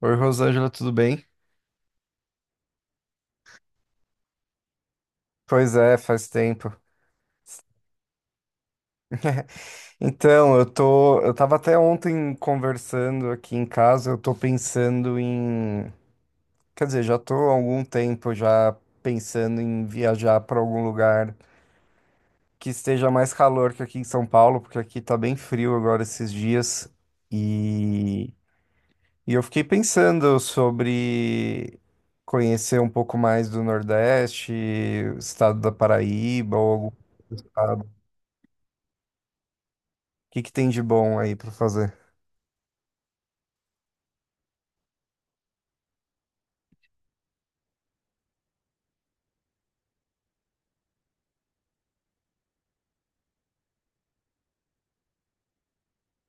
Oi, Rosângela, tudo bem? Pois é, faz tempo. Então, eu tava até ontem conversando aqui em casa, eu tô pensando em, quer dizer, já tô há algum tempo já pensando em viajar para algum lugar que esteja mais calor que aqui em São Paulo, porque aqui tá bem frio agora esses dias. E, e eu fiquei pensando sobre conhecer um pouco mais do Nordeste, o estado da Paraíba ou algum que tem de bom aí pra fazer?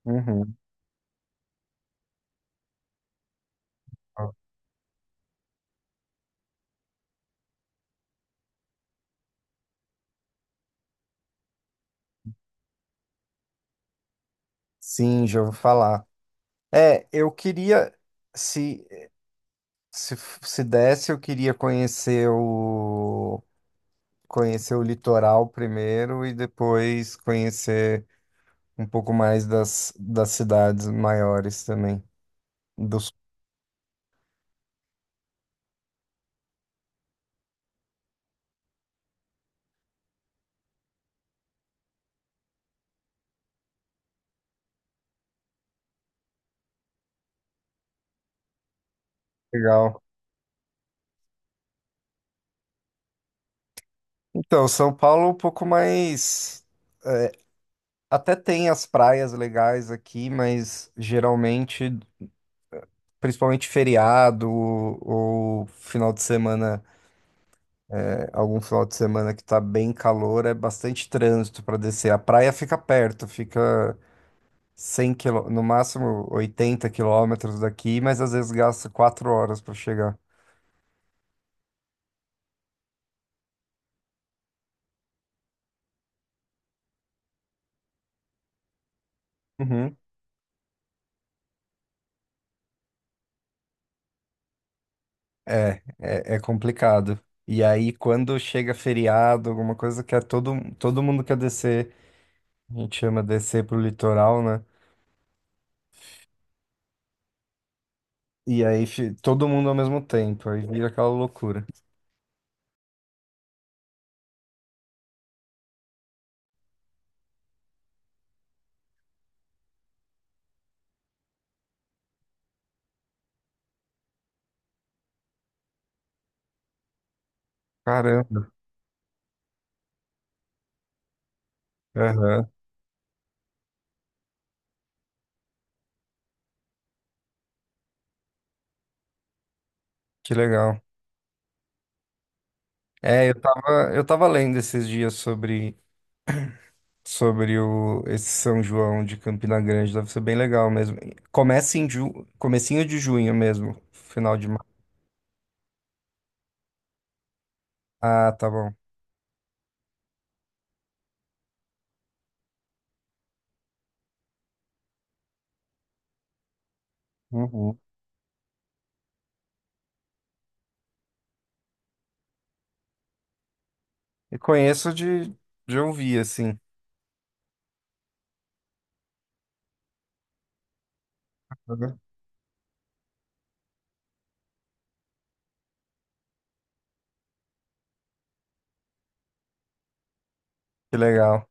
Uhum. Sim, já vou falar. É, eu queria, se, se, se desse, eu queria conhecer o litoral primeiro e depois conhecer um pouco mais das cidades maiores também, do sul. Legal. Então, São Paulo é um pouco mais. É, até tem as praias legais aqui, mas geralmente, principalmente feriado ou final de semana, é, algum final de semana que tá bem calor, é bastante trânsito para descer. A praia fica perto, fica 100 quilô, no máximo 80 quilômetros daqui, mas às vezes gasta 4 horas para chegar. Uhum. É complicado. E aí, quando chega feriado, alguma coisa que é todo mundo quer descer, a gente chama descer pro litoral, né? E aí, todo mundo ao mesmo tempo, aí vira aquela loucura. Caramba. Que legal. É, eu tava lendo esses dias sobre esse São João de Campina Grande, deve ser bem legal mesmo. Começa em comecinho de junho mesmo, final de maio. Ah, tá bom. Uhum. E conheço de ouvir, assim. Uhum. Que legal.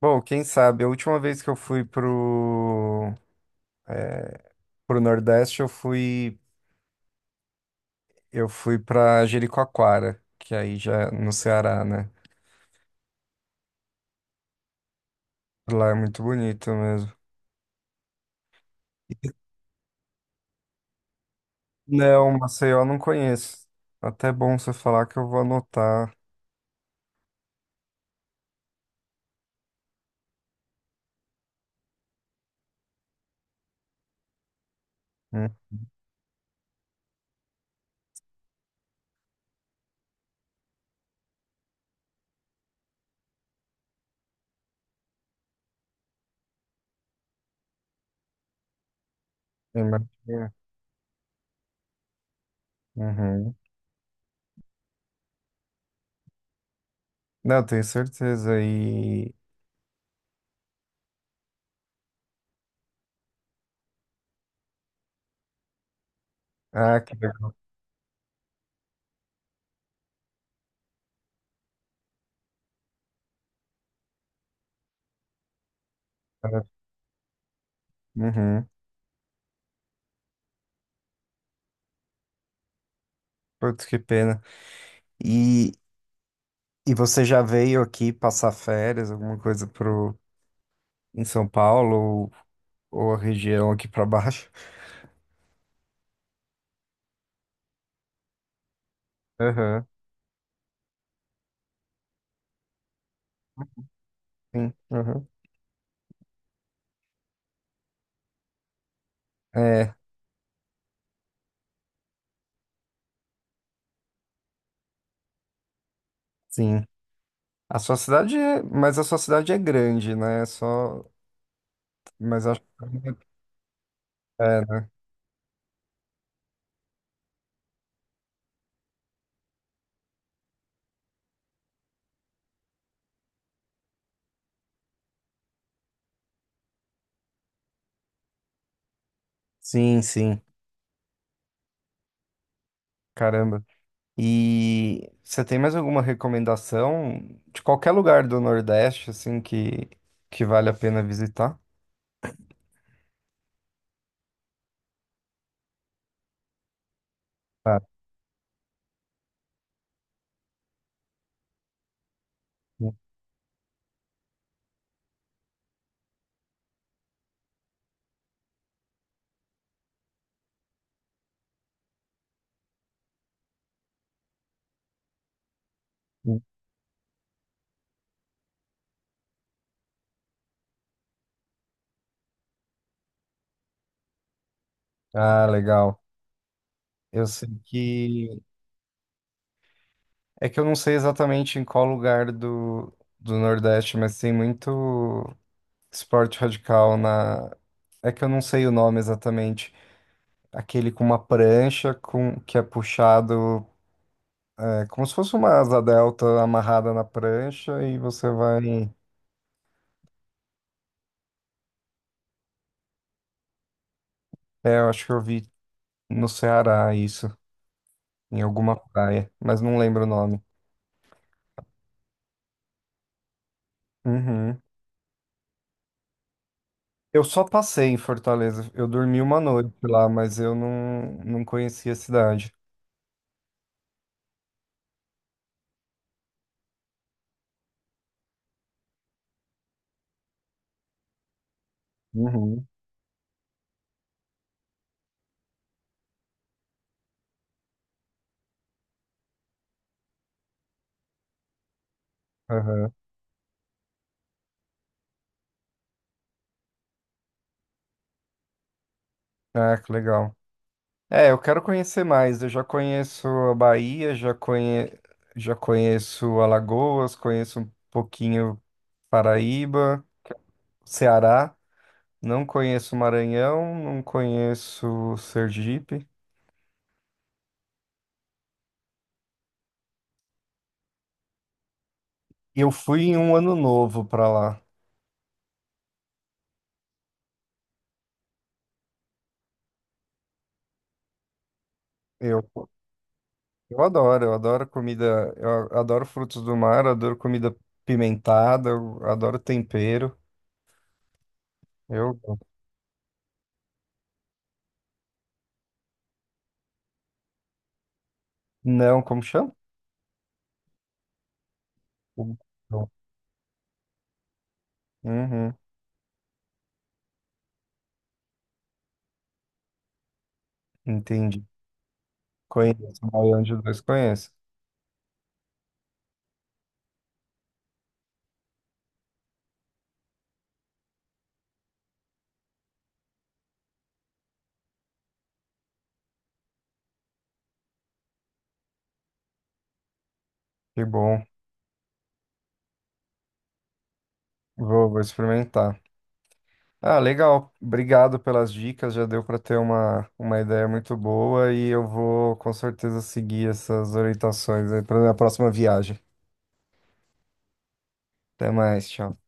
Bom, quem sabe, a última vez que eu fui é, pro Nordeste, eu fui pra Jericoacoara, que aí já é no Ceará, né? Lá é muito bonito mesmo. Não, Maceió eu não conheço. Até bom você falar, que eu vou anotar. Hum. Imagina. Uhum. Não, eu tenho certeza. E... Ah, que legal. Uhum. Putz, que pena. E, e você já veio aqui passar férias, alguma coisa pro... em São Paulo ou a região aqui pra baixo? Aham. Sim. Uhum. É, sim. A sua cidade é... Mas a sua cidade é grande, né? É só... Mas acho que... É, né? Sim, sim. Caramba. E você tem mais alguma recomendação de qualquer lugar do Nordeste, assim, que vale a pena visitar? Ah, sim, sim. Ah, legal. Eu sei que. É que eu não sei exatamente em qual lugar do Nordeste, mas tem muito esporte radical na. É que eu não sei o nome exatamente. Aquele com uma prancha com que é puxado, é, como se fosse uma asa delta amarrada na prancha e você vai. É, eu acho que eu vi no Ceará, isso. Em alguma praia, mas não lembro o nome. Uhum. Eu só passei em Fortaleza. Eu dormi uma noite lá, mas eu não conhecia a cidade. Uhum. Aham. Ah, que legal. É, eu quero conhecer mais. Eu já conheço a Bahia, já já conheço Alagoas, conheço um pouquinho Paraíba, Ceará. Não conheço Maranhão, não conheço Sergipe. Eu fui em um ano novo pra lá. Eu eu adoro comida, adoro frutos do mar, eu adoro comida pimentada, eu adoro tempero. Eu não, como chama? Uhum, entendi. Conheço, Baião de dois conheço. Que bom. Vou, vou experimentar. Ah, legal. Obrigado pelas dicas. Já deu para ter uma ideia muito boa e eu vou com certeza seguir essas orientações aí para minha próxima viagem. Até mais, tchau.